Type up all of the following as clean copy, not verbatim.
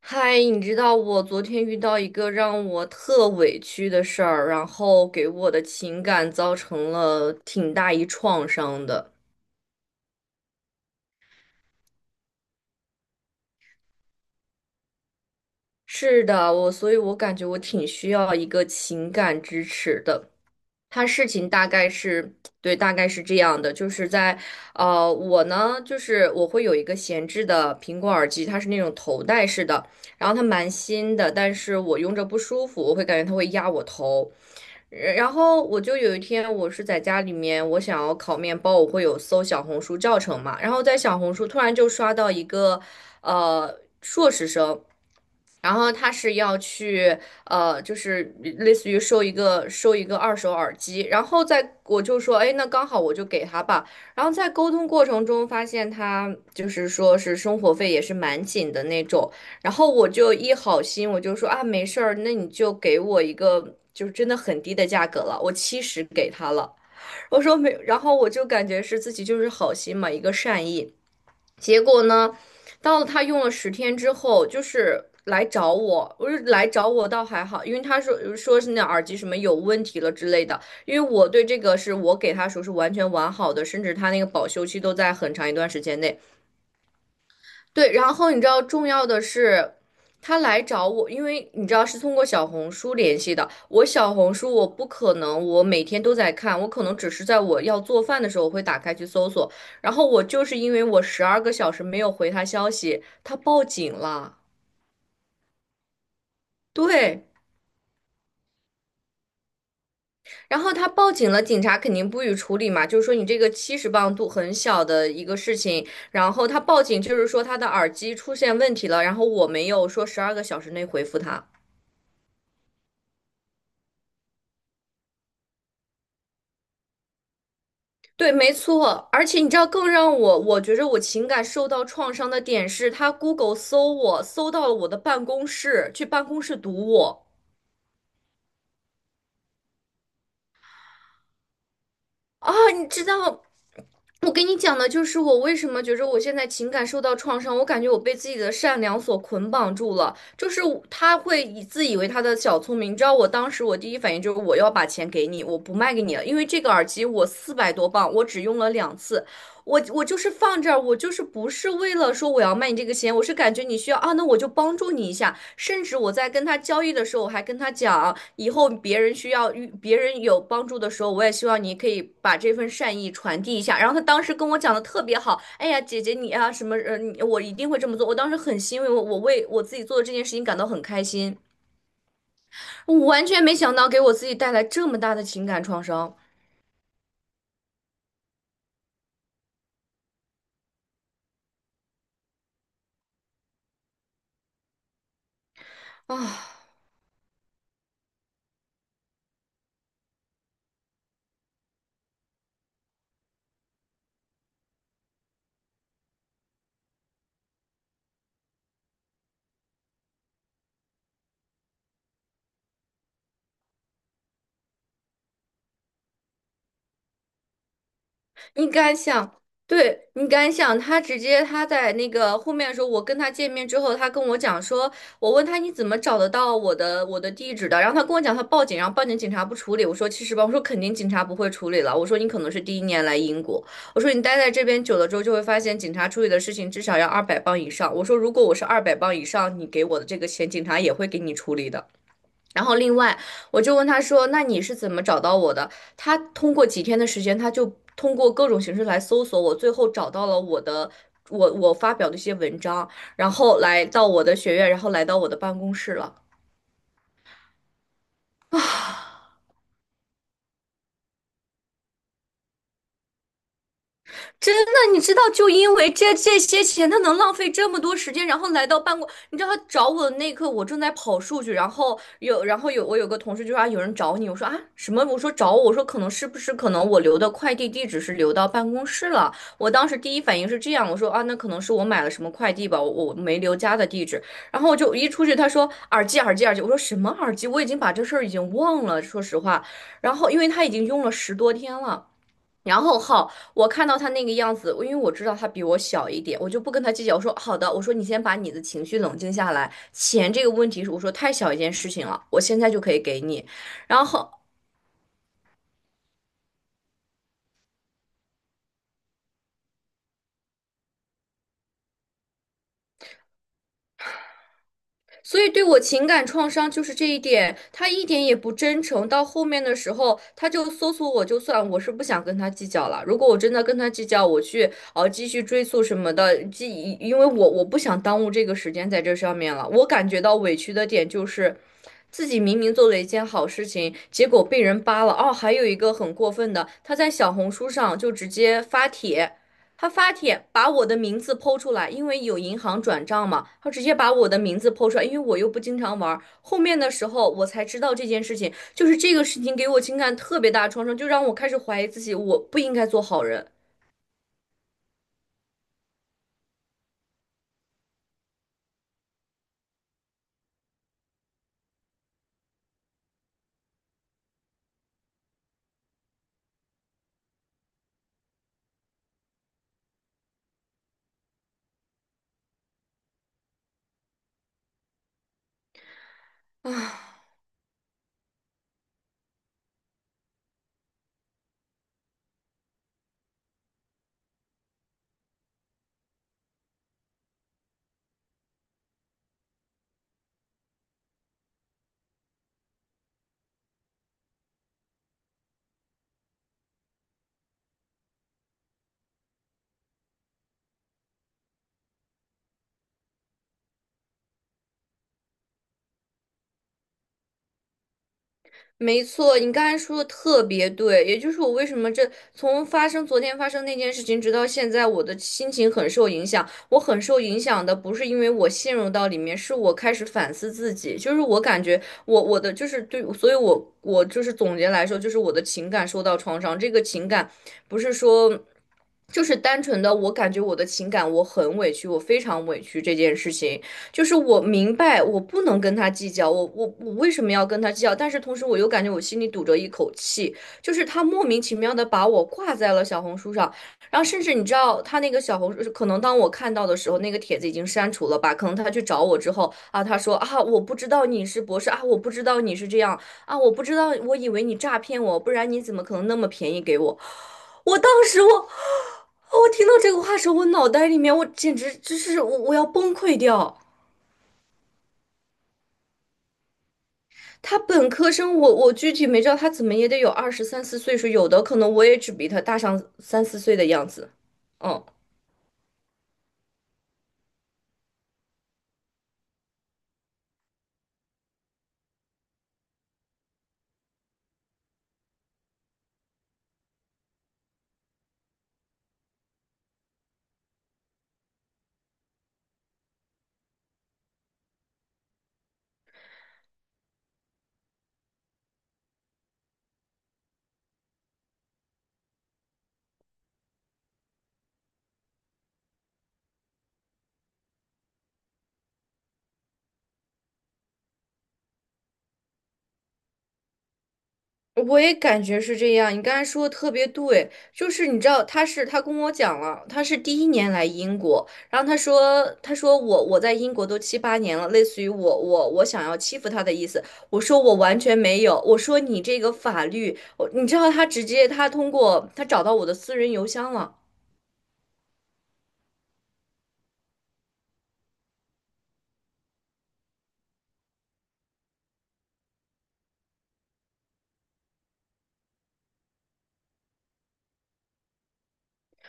嗨，你知道我昨天遇到一个让我特委屈的事儿，然后给我的情感造成了挺大一创伤的。是的，所以我感觉我挺需要一个情感支持的。他事情大概是，对，大概是这样的，就是在，我呢，就是我会有一个闲置的苹果耳机，它是那种头戴式的，然后它蛮新的，但是我用着不舒服，我会感觉它会压我头，然后我就有一天我是在家里面，我想要烤面包，我会有搜小红书教程嘛，然后在小红书突然就刷到一个，硕士生。然后他是要去就是类似于收一个二手耳机，然后在我就说，哎，那刚好我就给他吧。然后在沟通过程中发现他就是说是生活费也是蛮紧的那种，然后我就一好心，我就说啊，没事儿，那你就给我一个就是真的很低的价格了，我七十给他了。我说没，然后我就感觉是自己就是好心嘛，一个善意。结果呢，到了他用了10天之后，就是来找我，我是来找我倒还好，因为他说说是那耳机什么有问题了之类的，因为我对这个是我给他说是完全完好的，甚至他那个保修期都在很长一段时间内，对，然后你知道重要的是，他来找我，因为你知道是通过小红书联系的。我小红书我不可能，我每天都在看，我可能只是在我要做饭的时候我会打开去搜索。然后我就是因为我十二个小时没有回他消息，他报警了。对，然后他报警了，警察肯定不予处理嘛，就是说你这个70磅度很小的一个事情，然后他报警就是说他的耳机出现问题了，然后我没有说十二个小时内回复他。对，没错，而且你知道，更让我觉着我情感受到创伤的点是，他 Google 搜我，搜到了我的办公室，去办公室堵我啊！你知道，我跟你讲的就是我为什么觉着我现在情感受到创伤，我感觉我被自己的善良所捆绑住了，就是我他会以自以为他的小聪明。你知道，我当时我第一反应就是我要把钱给你，我不卖给你了，因为这个耳机我400多磅，我只用了两次。我就是放这儿，我就是不是为了说我要卖你这个钱，我是感觉你需要啊，那我就帮助你一下。甚至我在跟他交易的时候，我还跟他讲，以后别人需要遇别人有帮助的时候，我也希望你可以把这份善意传递一下。然后他当时跟我讲的特别好，哎呀，姐姐你啊什么人，你我一定会这么做。我当时很欣慰，我为我自己做的这件事情感到很开心，我完全没想到给我自己带来这么大的情感创伤啊。你敢想，对，你敢想，他直接他在那个后面的时候，我跟他见面之后，他跟我讲说，我问他你怎么找得到我的地址的，然后他跟我讲他报警，然后报警警察不处理，我说其实吧，我说肯定警察不会处理了，我说你可能是第一年来英国，我说你待在这边久了之后就会发现警察处理的事情至少要二百磅以上，我说如果我是二百磅以上，你给我的这个钱，警察也会给你处理的。然后另外，我就问他说：“那你是怎么找到我的？”他通过几天的时间，他就通过各种形式来搜索我，最后找到了我发表的一些文章，然后来到我的学院，然后来到我的办公室了。啊。真的，你知道，就因为这这些钱，他能浪费这么多时间，然后来到办公，你知道他找我的那一刻，我正在跑数据，然后有，然后有我有个同事就说啊，有人找你，我说啊什么？我说找我，我说可能是不是可能我留的快递地址是留到办公室了？我当时第一反应是这样，我说啊，那可能是我买了什么快递吧，我没留家的地址。然后我就一出去，他说耳机耳机耳机，我说什么耳机？我已经把这事儿已经忘了，说实话。然后因为他已经用了10多天了。然后好，我看到他那个样子，因为我知道他比我小一点，我就不跟他计较。我说好的，我说你先把你的情绪冷静下来。钱这个问题是我说太小一件事情了，我现在就可以给你。然后所以对我情感创伤就是这一点，他一点也不真诚。到后面的时候，他就搜索我，就算我是不想跟他计较了。如果我真的跟他计较，我去继续追溯什么的，继因为我不想耽误这个时间在这上面了。我感觉到委屈的点就是。自己明明做了一件好事情，结果被人扒了。哦，还有一个很过分的，他在小红书上就直接发帖，他发帖把我的名字剖出来，因为有银行转账嘛，他直接把我的名字剖出来，因为我又不经常玩。后面的时候我才知道这件事情，就是这个事情给我情感特别大的创伤，就让我开始怀疑自己，我不应该做好人。没错，你刚才说的特别对，也就是我为什么这从发生昨天发生那件事情直到现在，我的心情很受影响。我很受影响的不是因为我陷入到里面，是我开始反思自己，就是我感觉我我的就是对，所以我就是总结来说，就是我的情感受到创伤，这个情感不是说。就是单纯的，我感觉我的情感我很委屈，我非常委屈这件事情，就是我明白我不能跟他计较，我为什么要跟他计较？但是同时我又感觉我心里堵着一口气，就是他莫名其妙的把我挂在了小红书上，然后甚至你知道他那个小红书，可能当我看到的时候，那个帖子已经删除了吧？可能他去找我之后啊，他说啊，我不知道你是博士啊，我不知道你是这样啊，我不知道，我以为你诈骗我，不然你怎么可能那么便宜给我？我当时我。我听到这个话的时候，我脑袋里面我简直就是我要崩溃掉。他本科生我具体没知道他怎么也得有二十三四岁数，有的可能我也只比他大上三四岁的样子。嗯，我也感觉是这样。你刚才说的特别对，就是你知道他跟我讲了，他是第一年来英国，然后他说我在英国都七八年了，类似于我想要欺负他的意思。我说我完全没有，我说你这个法律，你知道他直接他通过他找到我的私人邮箱了。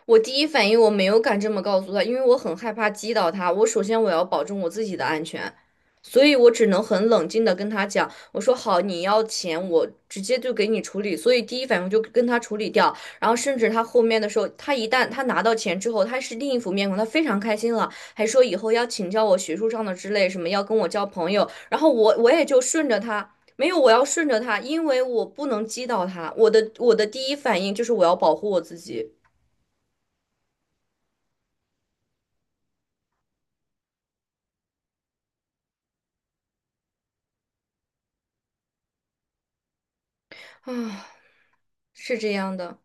我第一反应我没有敢这么告诉他，因为我很害怕击倒他。我首先我要保证我自己的安全，所以我只能很冷静的跟他讲，我说好，你要钱我直接就给你处理。所以第一反应我就跟他处理掉。然后甚至他后面的时候，他一旦他拿到钱之后，他是另一副面孔，他非常开心了，还说以后要请教我学术上的之类，什么要跟我交朋友。然后我我也就顺着他。没有，我要顺着他，因为我不能击倒他。我的第一反应就是我要保护我自己啊。是这样的，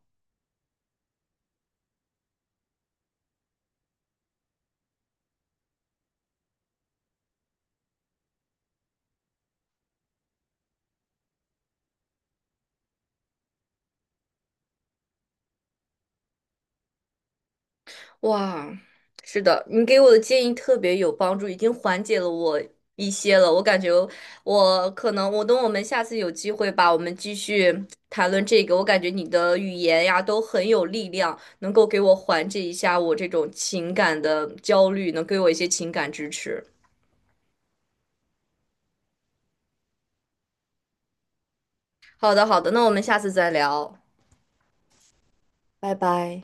哇，是的，你给我的建议特别有帮助，已经缓解了我一些了。我感觉我可能，我等我们下次有机会吧，我们继续谈论这个。我感觉你的语言呀都很有力量，能够给我缓解一下我这种情感的焦虑，能给我一些情感支持。好的，好的，那我们下次再聊，拜拜。